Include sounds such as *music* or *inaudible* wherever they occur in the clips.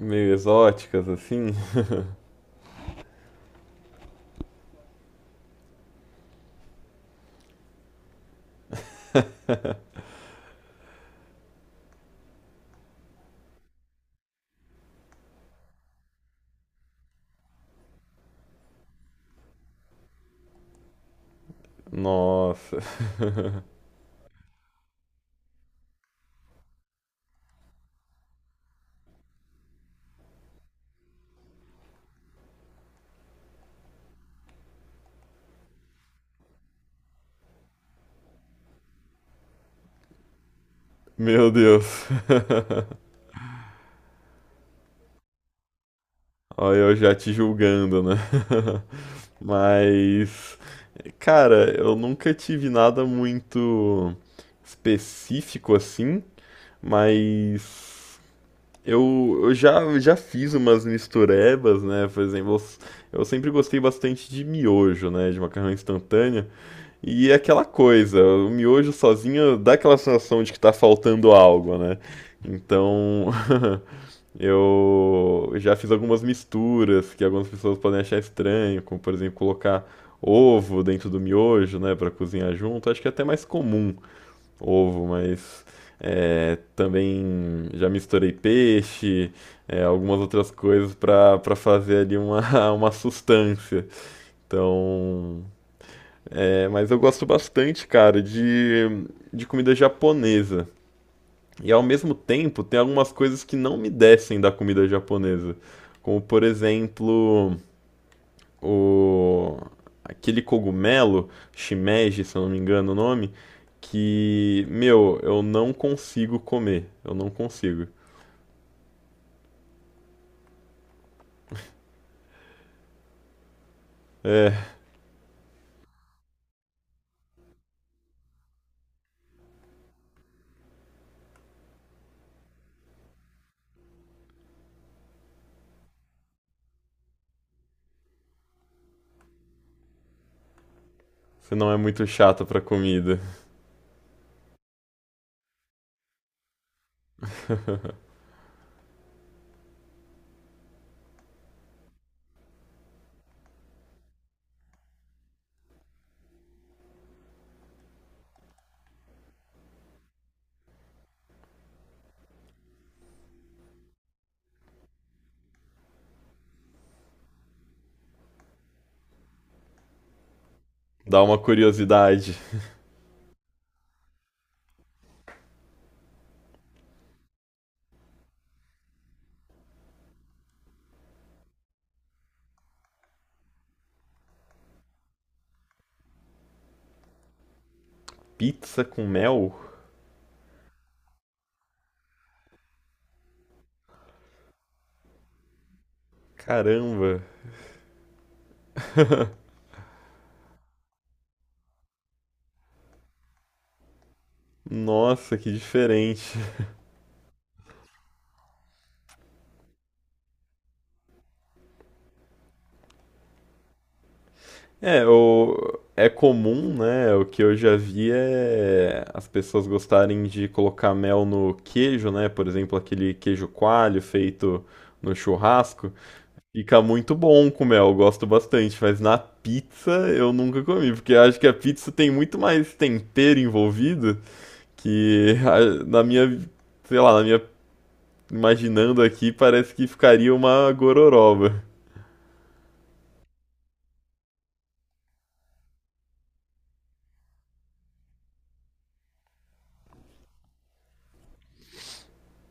Meio exóticas assim. Nossa. *laughs* Meu Deus. Olha, eu já te julgando, né? *laughs* Mas, cara, eu nunca tive nada muito específico assim, mas eu já, já fiz umas misturebas, né? Por exemplo, eu sempre gostei bastante de miojo, né? De macarrão instantânea. E é aquela coisa, o miojo sozinho dá aquela sensação de que tá faltando algo, né? Então, *laughs* eu já fiz algumas misturas que algumas pessoas podem achar estranho, como por exemplo colocar ovo dentro do miojo, né, para cozinhar junto. Acho que é até mais comum ovo, mas é, também já misturei peixe, é, algumas outras coisas para fazer ali uma, *laughs* uma sustância. Então, é, mas eu gosto bastante, cara, de comida japonesa. E ao mesmo tempo, tem algumas coisas que não me descem da comida japonesa. Como, por exemplo, o aquele cogumelo, shimeji, se eu não me engano o nome, que, meu, eu não consigo comer. Eu não consigo. É, você não é muito chata pra comida. Dá uma curiosidade. Pizza com mel? Caramba. Nossa, que diferente. É, o... é comum, né? O que eu já vi é as pessoas gostarem de colocar mel no queijo, né? Por exemplo, aquele queijo coalho feito no churrasco. Fica muito bom com mel, eu gosto bastante. Mas na pizza eu nunca comi, porque eu acho que a pizza tem muito mais tempero envolvido que *laughs* a- na minha, sei lá, na minha imaginando aqui, parece que ficaria uma gororoba.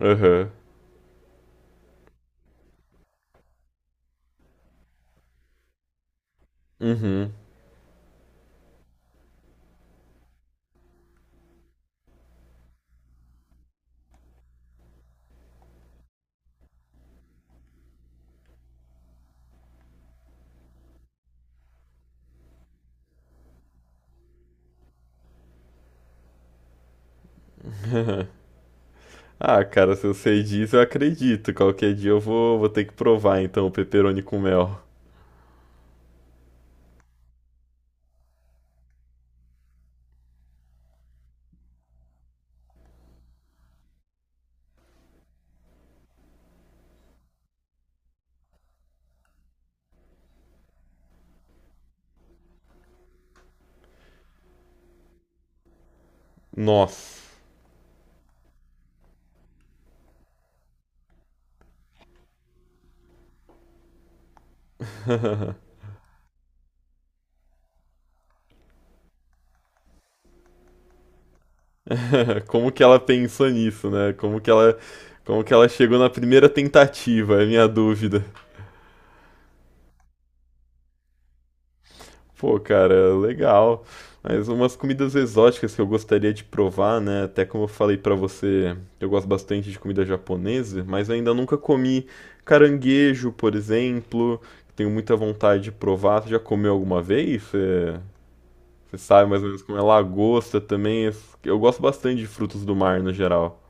Aham. Uhum. Ah, cara, se você diz, eu acredito. Qualquer dia eu vou, vou ter que provar, então, o pepperoni com mel. Nossa, *laughs* como que ela pensou nisso, né? Como que ela chegou na primeira tentativa, é a minha dúvida. Pô, cara, legal. Mas umas comidas exóticas que eu gostaria de provar, né? Até como eu falei pra você, eu gosto bastante de comida japonesa, mas ainda nunca comi caranguejo, por exemplo. Tenho muita vontade de provar. Você já comeu alguma vez? É... Você sabe mais ou menos como é lagosta também. Es- Eu gosto bastante de frutos do mar no geral.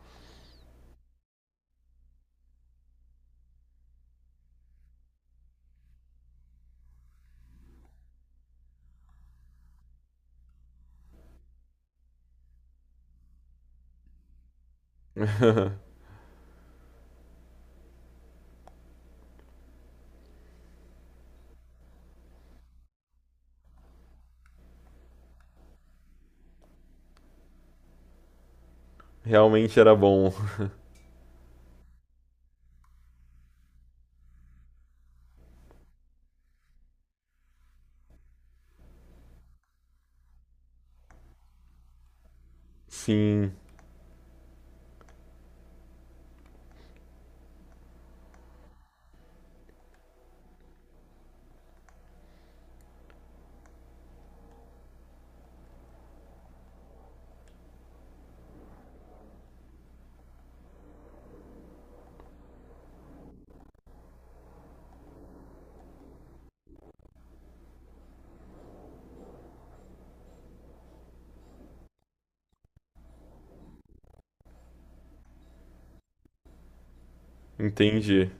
Realmente era bom. *laughs* Sim, entendi.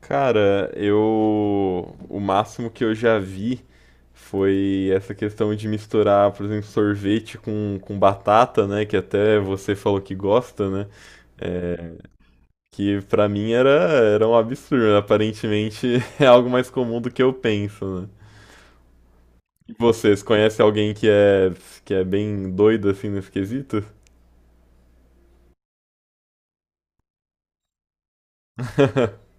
Cara, eu. O máximo que eu já vi foi essa questão de misturar, por exemplo, sorvete com batata, né? Que até você falou que gosta, né? É, que pra mim era, era um absurdo. Aparentemente *laughs* é algo mais comum do que eu penso, né? E vocês conhecem alguém que é bem doido assim nesse quesito? *laughs*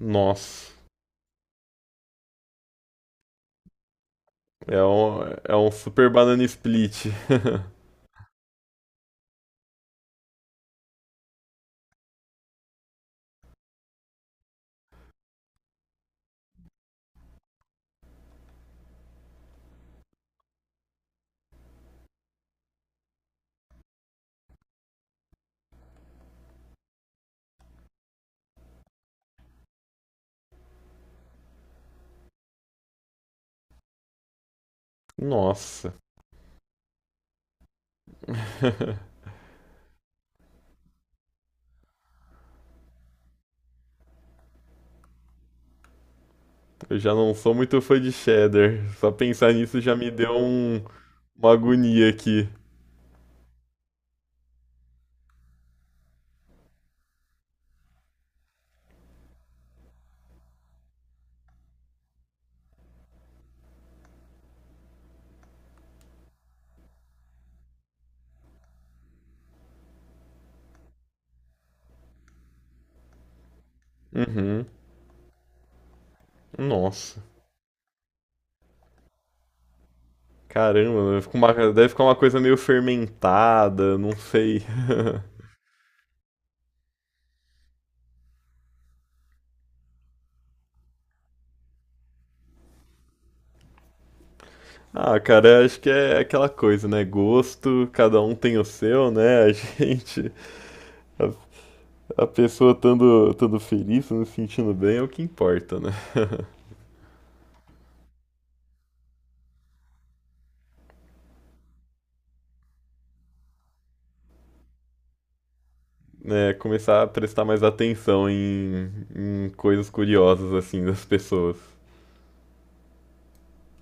Nossa. É um super banana split. *laughs* Nossa. *laughs* Eu já não sou muito fã de cheddar. Só pensar nisso já me deu um- uma agonia aqui. Uhum. Nossa. Caramba, deve ficar uma coisa meio fermentada, não sei. *laughs* Ah, cara, acho que é aquela coisa, né? Gosto, cada um tem o seu, né? *laughs* A gente, a, a pessoa estando, estando feliz, se sentindo bem, é o que importa, né? Né começar a prestar mais atenção em, em coisas curiosas assim das pessoas.